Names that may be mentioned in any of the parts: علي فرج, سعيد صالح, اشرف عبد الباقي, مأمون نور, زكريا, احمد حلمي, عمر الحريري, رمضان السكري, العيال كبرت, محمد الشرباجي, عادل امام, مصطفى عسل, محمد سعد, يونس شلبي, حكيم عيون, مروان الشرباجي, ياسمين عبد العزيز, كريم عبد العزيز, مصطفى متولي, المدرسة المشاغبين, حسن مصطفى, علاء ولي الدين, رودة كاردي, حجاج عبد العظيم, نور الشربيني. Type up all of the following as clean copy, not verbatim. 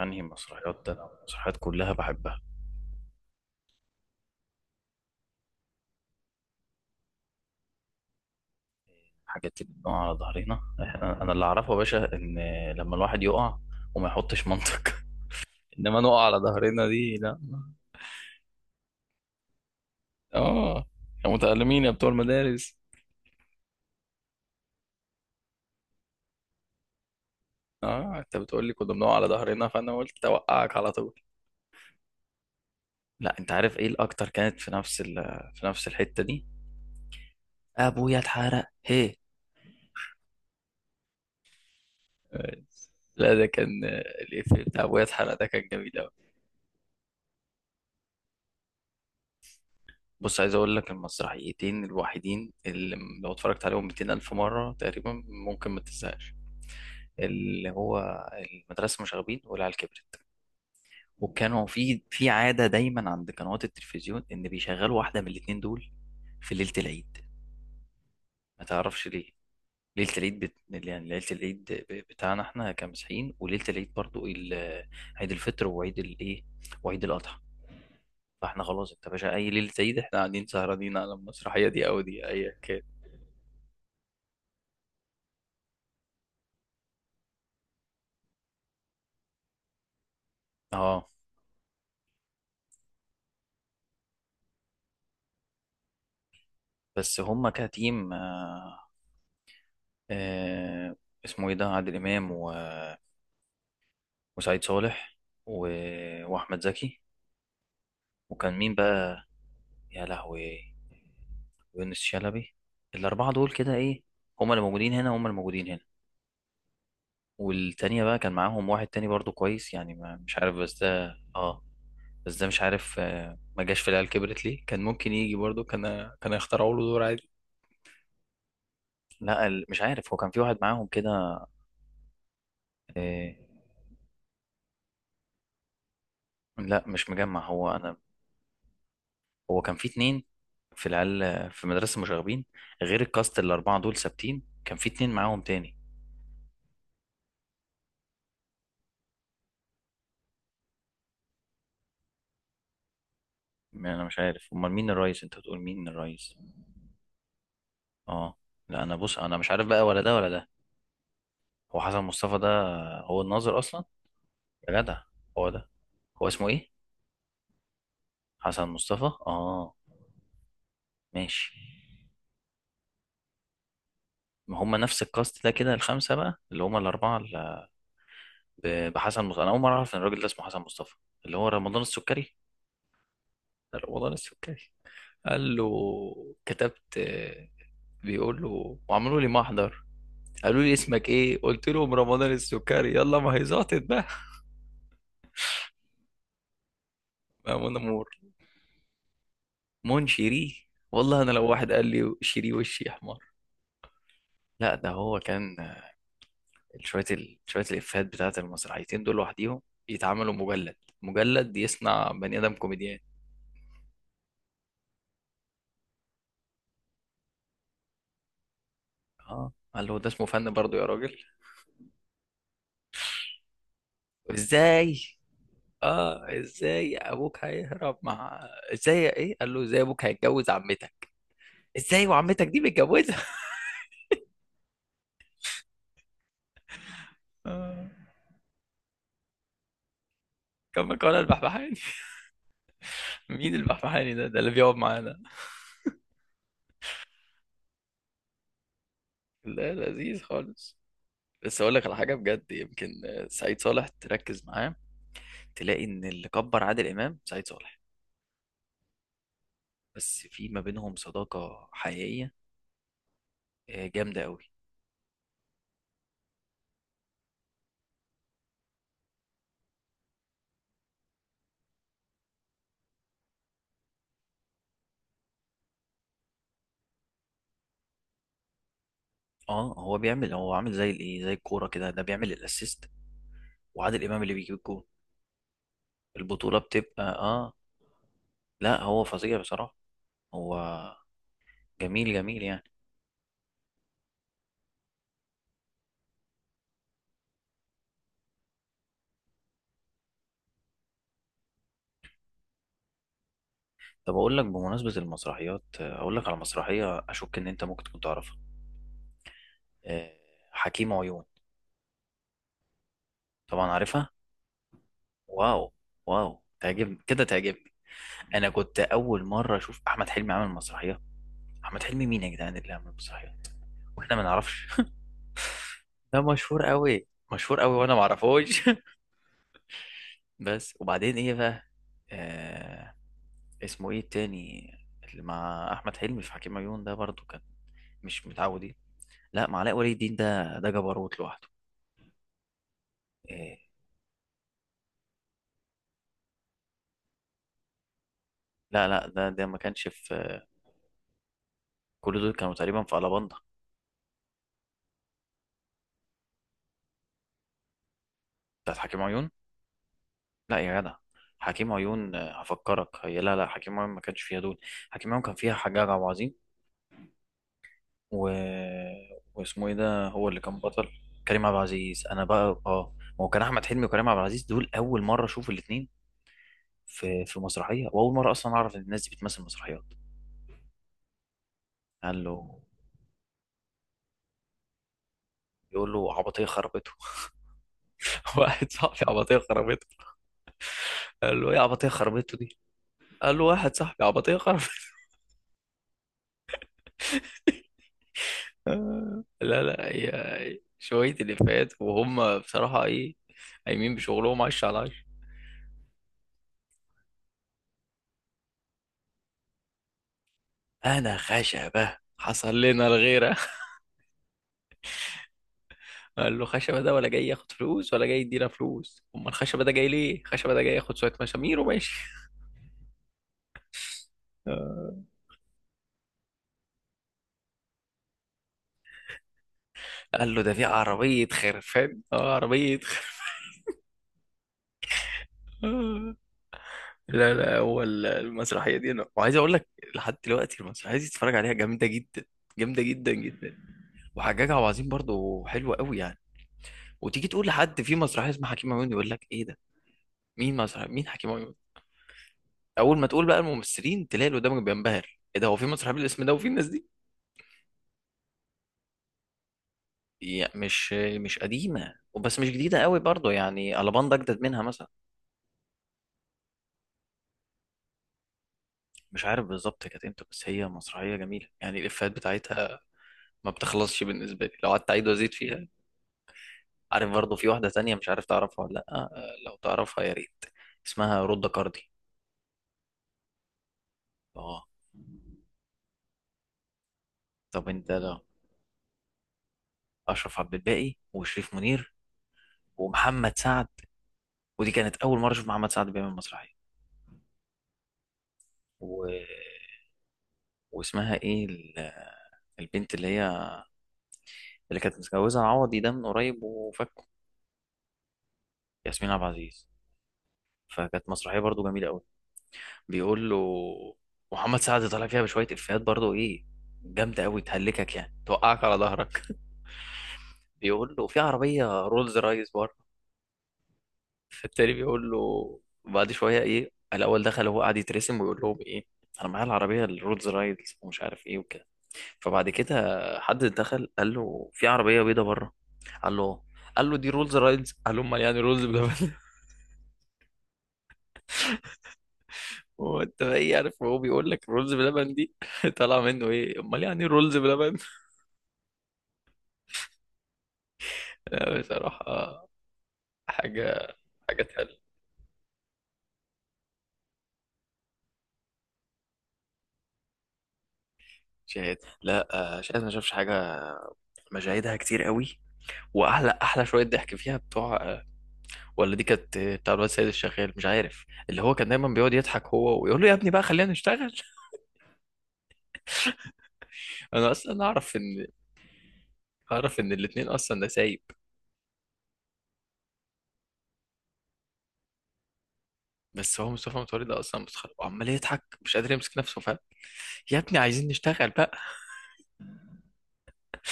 انهي مسرحيات ده؟ أنا المسرحيات كلها بحبها. حاجات اللي بنقع على ظهرنا احنا، انا اللي اعرفه يا باشا ان لما الواحد يقع وما يحطش منطق. انما نقع على ظهرنا دي، لا. اه، يا متألمين يا بتوع المدارس. اه، انت بتقول لي كنا بنقع على ظهرنا فانا قلت اوقعك على طول. لا، انت عارف ايه الاكتر، كانت في نفس الحتة دي. ابويا اتحرق هي. لا، ده كان الإفيه بتاع ابويا اتحرق ده كان جميل قوي. بص، عايز اقول لك المسرحيتين الوحيدين اللي لو اتفرجت عليهم 200 الف مره تقريبا ممكن ما تزهقش. اللي هو المدرسه المشاغبين والعيال كبرت. وكانوا في عاده دايما عند قنوات التلفزيون ان بيشغلوا واحده من الاتنين دول في ليله العيد. ما تعرفش ليه. ليله العيد يعني ليله العيد بتاعنا احنا كمسيحيين، وليله العيد برضو ال... عيد الفطر وعيد الايه وعيد الاضحى. فاحنا خلاص انت باشا، اي ليله عيد احنا قاعدين سهرانين على المسرحيه دي او دي ايا كان. اه. بس هما كتيم. آه، اسمه ايه ده؟ عادل امام وسعيد صالح واحمد زكي. وكان مين بقى يا لهوي؟ يونس شلبي. الاربعه دول كده، ايه، هما اللي موجودين هنا، هما اللي موجودين هنا. والتانية بقى كان معاهم واحد تاني برضو كويس يعني، ما مش عارف بس ده اه. بس ده مش عارف، ما جاش في العيال كبرت ليه؟ كان ممكن يجي برضو، كان يخترعوا له دور عادي. لا، مش عارف، هو كان في واحد معاهم كده. آه، لا مش مجمع هو انا. هو كان في اتنين، في العيال، في مدرسة مشاغبين، غير الكاست الأربعة دول ثابتين كان في اتنين معاهم تاني. ما أنا مش عارف أمال مين الريس؟ أنت بتقول مين الريس؟ أه. لا أنا بص، أنا مش عارف بقى ولا ده ولا ده. هو حسن مصطفى ده هو الناظر أصلا؟ يا جدع، هو ده، هو اسمه إيه؟ حسن مصطفى، أه. ماشي، ما هما نفس الكاست ده كده، الخمسة بقى اللي هما الأربعة اللي بحسن مصطفى. أنا أول مرة أعرف إن الراجل ده اسمه حسن مصطفى. اللي هو رمضان السكري، ده رمضان السكري. قال له كتبت، بيقول له وعملوا لي محضر، قالوا لي اسمك ايه؟ قلت لهم رمضان السكري، يلا ما هي زعطت بقى. مأمون نور، مون شيري، والله انا لو واحد قال لي شيري وشي احمر. لا ده هو كان، شويه الافيهات بتاعت المسرحيتين دول لوحديهم يتعملوا مجلد، مجلد يصنع بني ادم كوميديان. اه، قال له ده اسمه فن برضه يا راجل. ازاي؟ اه، ازاي ابوك هيهرب مع، ازاي، ايه، قال له ازاي ابوك هيتجوز عمتك، ازاي وعمتك دي متجوزه؟ آه. كما قال البحبحاني. مين البحبحاني ده اللي بيقعد معانا؟ لا، لذيذ خالص. بس اقول لك على حاجه بجد يمكن، سعيد صالح تركز معاه تلاقي ان اللي كبر عادل امام سعيد صالح. بس في ما بينهم صداقه حقيقيه جامده قوي. اه، هو عامل زي الايه، زي الكوره كده، ده بيعمل الاسيست وعادل امام اللي بيجيب الجول. البطوله بتبقى اه، لا هو فظيع بصراحه، هو جميل جميل يعني. طب اقول لك بمناسبة المسرحيات، اقول لك على مسرحية اشك ان انت ممكن تكون تعرفها. آه، حكيم عيون. طبعا عارفها. واو، واو، تعجبني كده، تعجبني. انا كنت اول مرة اشوف احمد حلمي عامل مسرحية. احمد حلمي مين يا جدعان اللي عامل مسرحية واحنا ما نعرفش؟ ده مشهور قوي، مشهور قوي وانا ما اعرفوش. بس وبعدين ايه بقى؟ آه اسمه ايه التاني، اللي مع احمد حلمي في حكيم عيون ده برضو كان؟ مش متعودين. لا، ما علاء ولي الدين ده ده جبروت لوحده. إيه، لا لا، ده ما كانش في. كل دول كانوا تقريبا في ألاباندا بتاعت حكيم عيون. لا يا جدع، حكيم عيون، هفكرك هي، لا لا، حكيم عيون ما كانش فيها دول. حكيم عيون كان فيها حجاج عبد العظيم و... واسمه ايه ده هو اللي كان بطل؟ كريم عبد العزيز، انا بقى اه، ما هو كان احمد حلمي وكريم عبد العزيز دول اول مره اشوف الاثنين في مسرحيه، واول مره اصلا اعرف ان الناس دي بتمثل مسرحيات. قال له يقول له عبطيه خربته. واحد صاحبي عبطيه خربته. قال له ايه عبطيه خربته دي؟ قال له واحد صاحبي عبطيه خربته. لا لا هي، شوية الإفيهات وهم بصراحة إيه، قايمين بشغلهم عش على عش. أنا خشبة حصل لنا الغيرة. قال له خشبة ده ولا جاي ياخد فلوس ولا جاي يدينا فلوس؟ أمال الخشبة ده جاي ليه؟ خشبة ده جاي ياخد شوية مشامير وماشي. آه، قال له ده في عربية خرفان، عربية خرفان. آه، لا لا، هو المسرحية دي أنا وعايز أقول لك، لحد دلوقتي المسرحية دي تتفرج عليها جامدة جدا، جامدة جدا جدا. وحجاج عبد العظيم برضه حلو قوي يعني. وتيجي تقول لحد في مسرحيه اسمها حكيم عيون، يقول لك ايه ده؟ مين حكيم عيون؟ اول ما تقول بقى الممثلين تلاقي اللي قدامك بينبهر، ايه ده، هو في مسرحيه بالاسم ده وفي الناس دي؟ يعني مش قديمه وبس، مش جديده قوي برضه يعني، الاباندا اجدد منها مثلا. مش عارف بالظبط كانت امتى بس هي مسرحيه جميله يعني، الافيهات بتاعتها ما بتخلصش بالنسبه لي لو قعدت اعيد وازيد فيها. عارف برضه في واحده تانية مش عارف تعرفها ولا لا، لو تعرفها يا ريت. اسمها رودة كاردي. اه، طب انت ده، اشرف عبد الباقي وشريف منير ومحمد سعد، ودي كانت اول مره اشوف محمد سعد بيعمل مسرحيه، و... واسمها ايه البنت اللي هي، اللي كانت متجوزه عوضي ده من قريب وفكه؟ ياسمين عبد العزيز. فكانت مسرحيه برضو جميله قوي، بيقول له، محمد سعد طالع فيها بشويه افيهات برضو ايه، جامده قوي تهلكك يعني، توقعك على ظهرك. بيقول له في عربيه رولز رايس، فالتاني بيقول له بعد شويه ايه، الاول دخل هو قاعد يترسم ويقول لهم ايه، انا معايا العربيه الرولز رايدز ومش عارف ايه وكده. فبعد كده حد دخل قال له في عربيه بيضه بره، قال له آه. قال له دي رولز رايدز، قال له امال يعني رولز بلبن؟ هو انت بقى ايه عارف، هو بيقول لك رولز بلبن دي؟ طالع منه ايه، امال يعني رولز بلبن؟ لا، بصراحه حاجه، حاجه تقل. شهاد، لا شهاد ما شافش حاجه، مشاهدها كتير قوي. واحلى، احلى شويه ضحك فيها بتوع ولا دي كانت بتاع الواد سيد الشغال مش عارف، اللي هو كان دايما بيقعد يضحك هو ويقول له يا ابني بقى خلينا نشتغل. انا اصلا اعرف ان، الاتنين اصلا نسايب. بس هو مصطفى متولي ده اصلا متخلف وعمال يضحك مش قادر يمسك نفسه فاهم، يا ابني عايزين نشتغل بقى.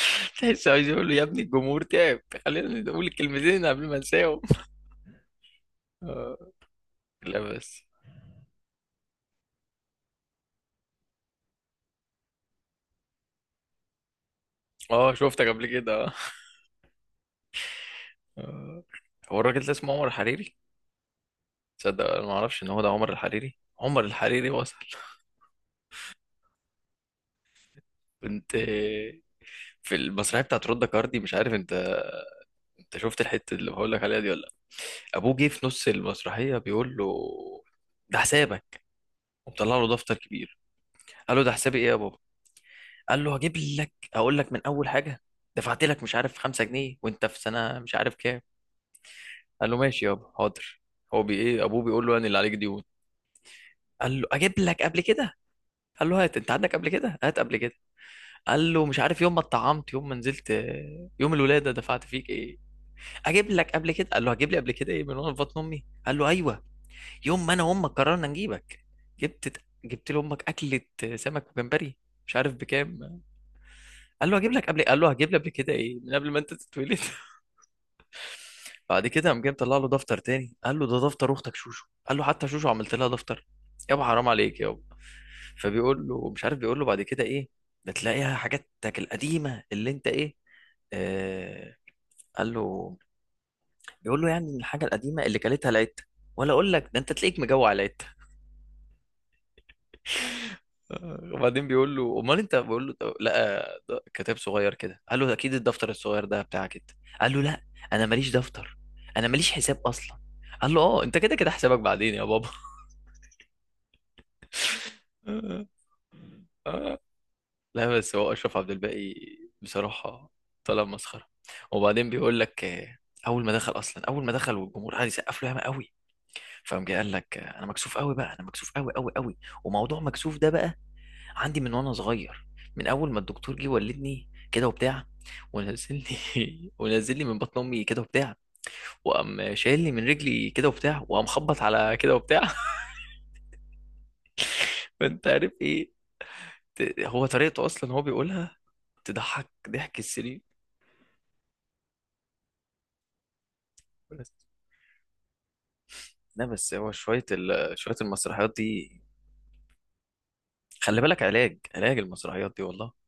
تحس عايز يقول له يا ابني الجمهور تعب خلينا نقول الكلمتين قبل ما انساهم. آه، لا بس، اه شفتك قبل كده. آه. آه. هو الراجل ده اسمه عمر الحريري؟ تصدق انا ما اعرفش ان هو ده عمر الحريري، عمر الحريري وصل. كنت في المسرحيه بتاعت رودا كاردي، مش عارف انت شفت الحته اللي بقول لك عليها دي ولا لا؟ ابوه جه في نص المسرحيه بيقول له ده حسابك، ومطلع له دفتر كبير. قال له ده حسابي ايه يا بابا؟ قال له هجيب لك اقول لك من اول حاجه، دفعت لك مش عارف 5 جنيه وانت في سنه مش عارف كام. قال له ماشي يابا حاضر. هو بي ايه، ابوه بيقول له انا اللي عليك ديون. قال له اجيب لك قبل كده. قال له هات انت عندك قبل كده، هات قبل كده. قال له مش عارف يوم ما اتطعمت، يوم ما نزلت، يوم الولاده دفعت فيك ايه. اجيب لك قبل كده. قال له هجيب لي قبل كده ايه من وانا في بطن امي؟ قال له ايوه، يوم ما انا وامك قررنا نجيبك، جبت لامك اكله سمك وجمبري مش عارف بكام. قال له هجيب لك قبل، قال له هجيب لي قبل كده ايه؟ من قبل ما انت تتولد. بعد كده قام جاي مطلع له دفتر تاني، قال له ده دفتر اختك شوشو. قال له حتى شوشو عملت لها دفتر؟ يابا حرام عليك يابا. فبيقول له مش عارف، بيقول له بعد كده ايه، ده تلاقيها حاجاتك القديمه اللي انت ايه، آه قال له، بيقول له يعني ان الحاجه القديمه اللي كلتها العته، ولا اقول لك ده انت تلاقيك مجوع العته. وبعدين بيقول له امال انت، بقول له لقى كتاب صغير كده، قال له اكيد الدفتر الصغير ده بتاعك انت. قال له لا، انا ماليش دفتر، انا ماليش حساب اصلا. قال له اه، انت كده كده حسابك بعدين يا بابا. آه. لا بس هو اشرف عبد الباقي بصراحه طلع مسخره. وبعدين بيقول لك، اول ما دخل اصلا، اول ما دخل والجمهور قعد يسقف له ياما قوي، فقام جاي قال لك انا مكسوف قوي بقى، انا مكسوف قوي قوي قوي، وموضوع مكسوف ده بقى عندي من وانا صغير، من اول ما الدكتور جه ولدني كده وبتاع، ونزل لي ونزل لي من بطن امي كده وبتاع، وقام شايل لي من رجلي كده وبتاع، وقام خبط على كده وبتاع. فانت عارف ايه، هو طريقته اصلا هو بيقولها تضحك ضحك السرير. بس، لا بس هو شويه المسرحيات دي، خلي بالك، علاج، علاج المسرحيات دي والله.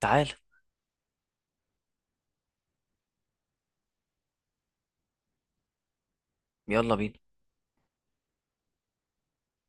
تعال، يلا بينا.